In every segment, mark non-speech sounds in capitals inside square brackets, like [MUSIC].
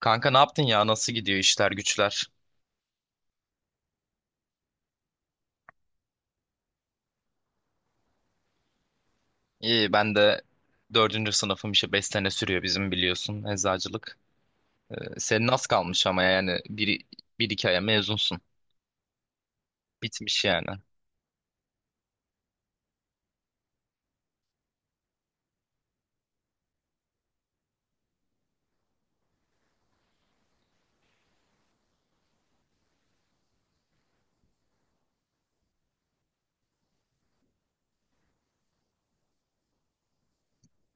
Kanka, ne yaptın ya? Nasıl gidiyor işler güçler? İyi, ben de dördüncü sınıfım işte, 5 sene sürüyor bizim, biliyorsun, eczacılık. Senin az kalmış ama yani bir iki aya mezunsun. Bitmiş yani.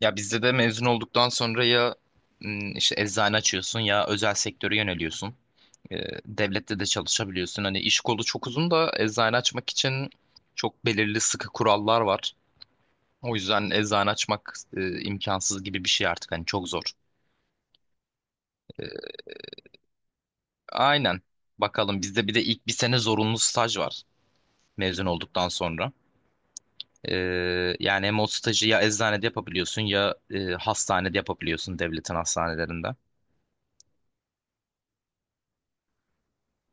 Ya bizde de mezun olduktan sonra ya işte eczane açıyorsun, ya özel sektöre yöneliyorsun. Ee, Devlette de çalışabiliyorsun. Hani iş kolu çok uzun da eczane açmak için çok belirli sıkı kurallar var. O yüzden eczane açmak imkansız gibi bir şey artık, hani çok zor. Aynen. Bakalım, bizde bir de ilk bir sene zorunlu staj var mezun olduktan sonra. Ee, Yani hem o stajı ya eczanede yapabiliyorsun, ya hastanede yapabiliyorsun, devletin hastanelerinde.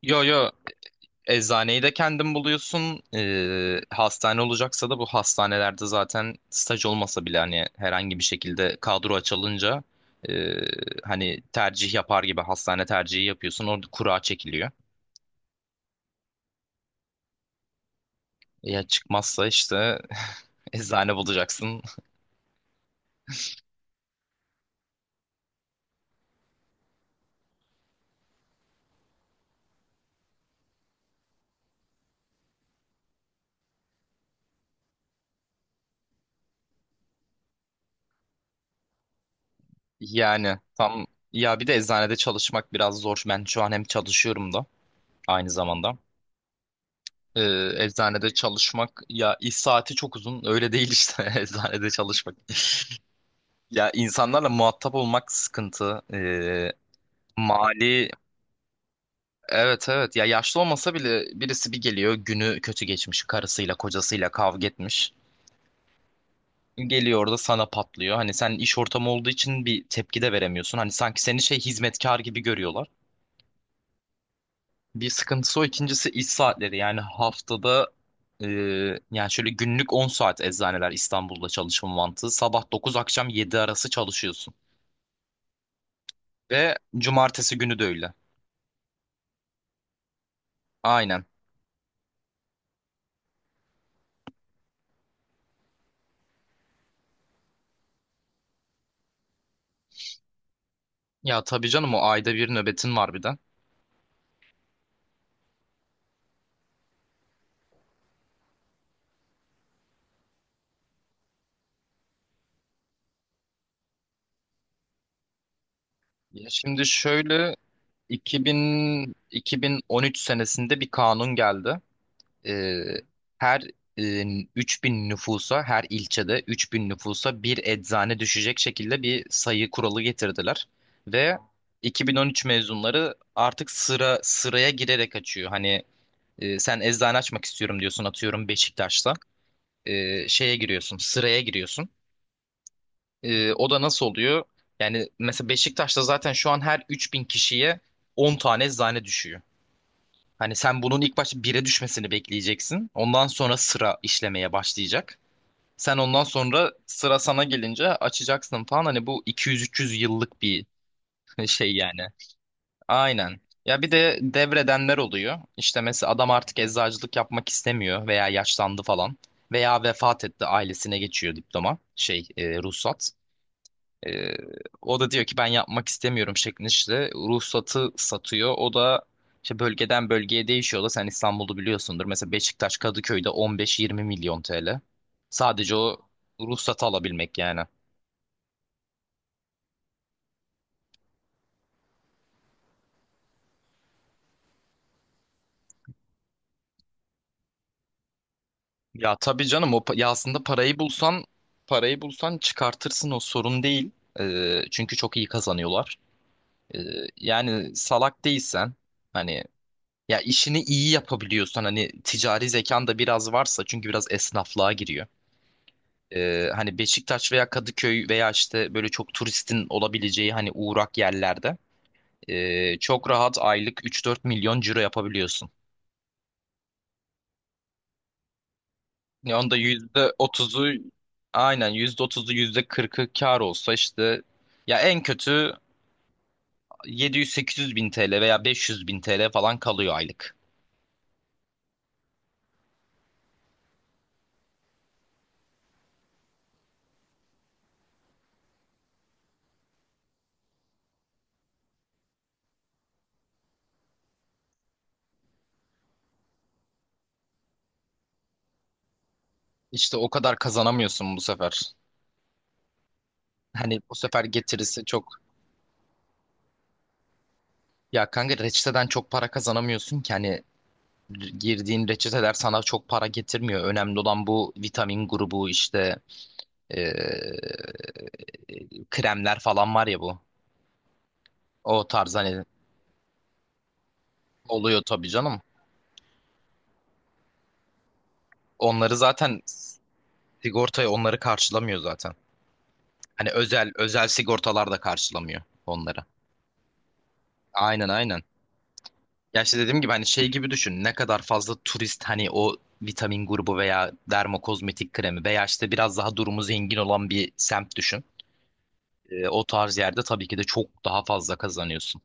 Yo yo, eczaneyi de kendin buluyorsun. Hastane olacaksa da bu hastanelerde zaten staj olmasa bile hani herhangi bir şekilde kadro açılınca, e, hani tercih yapar gibi hastane tercihi yapıyorsun. Orada kura çekiliyor. Ya çıkmazsa işte [LAUGHS] eczane bulacaksın. Yani tam, ya bir de eczanede çalışmak biraz zor. Ben şu an hem çalışıyorum da aynı zamanda. Ee, Eczanede çalışmak ya, iş saati çok uzun. Öyle değil işte [LAUGHS] eczanede çalışmak. Ya, insanlarla muhatap olmak sıkıntı. Mali Evet, evet, ya yaşlı olmasa bile birisi bir geliyor, günü kötü geçmiş, karısıyla kocasıyla kavga etmiş. Geliyor orada sana patlıyor. Hani sen iş ortamı olduğu için bir tepki de veremiyorsun. Hani sanki seni şey, hizmetkar gibi görüyorlar. Bir sıkıntısı o. İkincisi, iş saatleri. Yani haftada e, yani şöyle günlük 10 saat eczaneler İstanbul'da çalışma mantığı. Sabah dokuz, akşam 7 arası çalışıyorsun. Ve cumartesi günü de öyle. Aynen. Ya tabii canım, o ayda bir nöbetin var bir de. Ya şimdi şöyle, 2000, 2013 senesinde bir kanun geldi. e, Her e, 3.000 nüfusa, her ilçede 3.000 nüfusa bir eczane düşecek şekilde bir sayı kuralı getirdiler ve 2013 mezunları artık sıra sıraya girerek açıyor. Hani sen eczane açmak istiyorum diyorsun, atıyorum Beşiktaş'ta. E, şeye giriyorsun Sıraya giriyorsun. E, o da nasıl oluyor? Yani mesela Beşiktaş'ta zaten şu an her 3.000 kişiye 10 tane eczane düşüyor. Hani sen bunun ilk başta bire düşmesini bekleyeceksin. Ondan sonra sıra işlemeye başlayacak. Sen ondan sonra sıra sana gelince açacaksın falan. Hani bu 200-300 yıllık bir [LAUGHS] şey yani. Aynen. Ya bir de devredenler oluyor. İşte mesela adam artık eczacılık yapmak istemiyor veya yaşlandı falan. Veya vefat etti, ailesine geçiyor diploma, şey, ruhsat. Ee, O da diyor ki ben yapmak istemiyorum şeklinde, işte ruhsatı satıyor. O da işte bölgeden bölgeye değişiyor da, sen İstanbul'u biliyorsundur. Mesela Beşiktaş, Kadıköy'de 15-20 milyon TL. Sadece o ruhsatı alabilmek yani. Ya tabii canım o ya aslında parayı bulsan çıkartırsın, o sorun değil. Çünkü çok iyi kazanıyorlar. Ee, Yani salak değilsen, hani ya işini iyi yapabiliyorsan, hani ticari zekan da biraz varsa, çünkü biraz esnaflığa giriyor. Hani Beşiktaş veya Kadıköy veya işte böyle çok turistin olabileceği hani uğrak yerlerde çok rahat aylık 3-4 milyon ciro yapabiliyorsun. Yani onda %30'u, aynen, %30'u, yüzde kırkı kar olsa işte ya en kötü 700-800 bin TL veya 500 bin TL falan kalıyor aylık. İşte o kadar kazanamıyorsun bu sefer. Hani bu sefer getirisi çok, ya kanka, reçeteden çok para kazanamıyorsun ki, hani girdiğin reçeteler sana çok para getirmiyor. Önemli olan bu vitamin grubu işte e, kremler falan var ya bu. O tarz, hani oluyor tabii canım. Onları zaten sigortaya, onları karşılamıyor zaten. Hani özel özel sigortalar da karşılamıyor onları. Aynen, aynen. Ya işte dediğim gibi hani şey gibi düşün. Ne kadar fazla turist, hani o vitamin grubu veya dermokozmetik kremi veya işte biraz daha durumu zengin olan bir semt düşün. O tarz yerde tabii ki de çok daha fazla kazanıyorsun.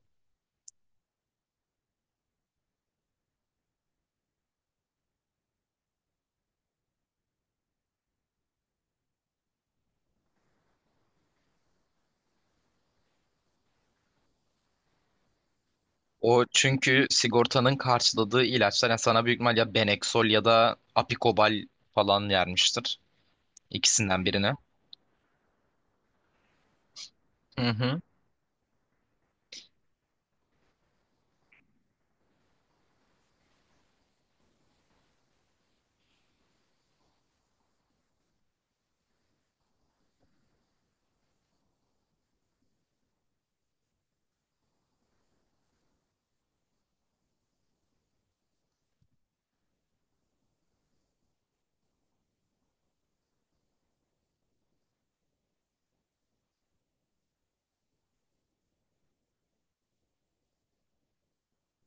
O çünkü sigortanın karşıladığı ilaçlar, yani sana büyük ihtimal ya Benexol ya da Apikobal falan vermiştir. İkisinden birine. Hı hı.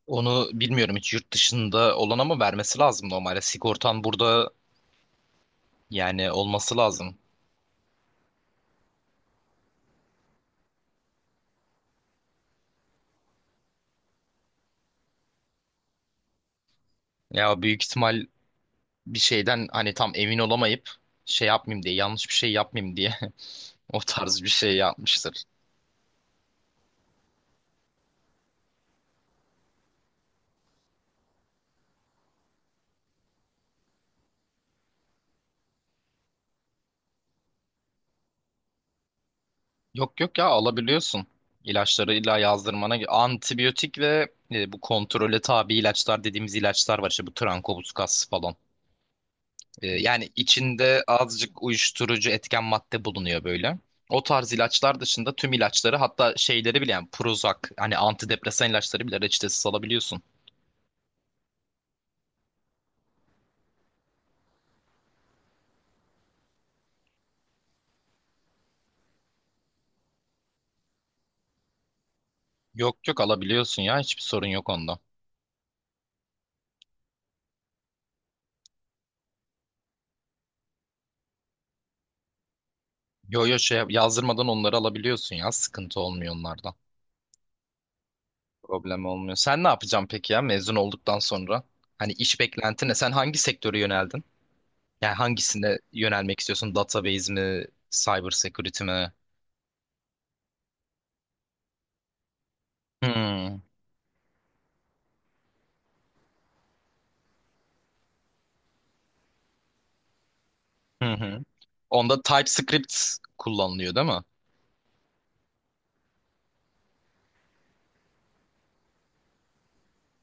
Onu bilmiyorum hiç, yurt dışında olan ama vermesi lazım normalde. Sigortan burada, yani olması lazım. Ya büyük ihtimal bir şeyden hani tam emin olamayıp şey yapmayayım diye, yanlış bir şey yapmayayım diye [LAUGHS] o tarz bir şey yapmıştır. Yok, yok, ya alabiliyorsun. İlaçları illa yazdırmana, antibiyotik ve bu kontrole tabi ilaçlar dediğimiz ilaçlar var işte, bu trankobus falan. Yani içinde azıcık uyuşturucu etken madde bulunuyor böyle. O tarz ilaçlar dışında tüm ilaçları, hatta şeyleri bile, yani Prozac, hani antidepresan ilaçları bile reçetesiz alabiliyorsun. Yok, yok, alabiliyorsun ya, hiçbir sorun yok onda. Yo yo, şey yazdırmadan onları alabiliyorsun ya, sıkıntı olmuyor onlarda. Problem olmuyor. Sen ne yapacaksın peki ya mezun olduktan sonra? Hani iş beklentin ne? Sen hangi sektöre yöneldin? Yani hangisine yönelmek istiyorsun? Database mi? Cyber security mi? Hmm. Hı hı. Onda TypeScript kullanılıyor değil mi?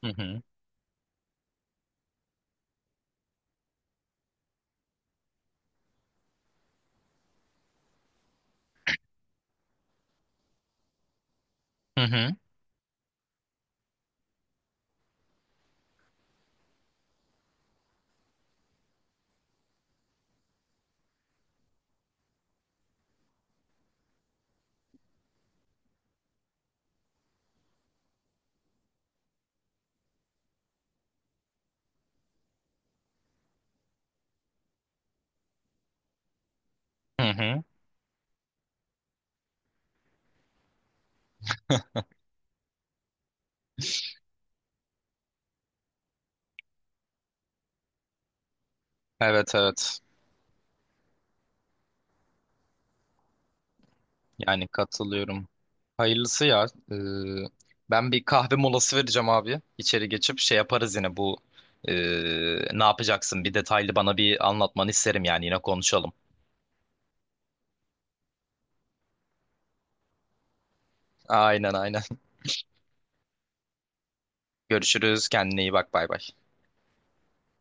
Hı hı. Hı hı. Hı hı. Evet, evet. Yani katılıyorum. Hayırlısı ya. Ee, Ben bir kahve molası vereceğim abi. İçeri geçip şey yaparız, yine bu ee, ne yapacaksın? Bir detaylı bana bir anlatmanı isterim yani, yine konuşalım. Aynen, aynen. Görüşürüz. Kendine iyi bak. Bay bay.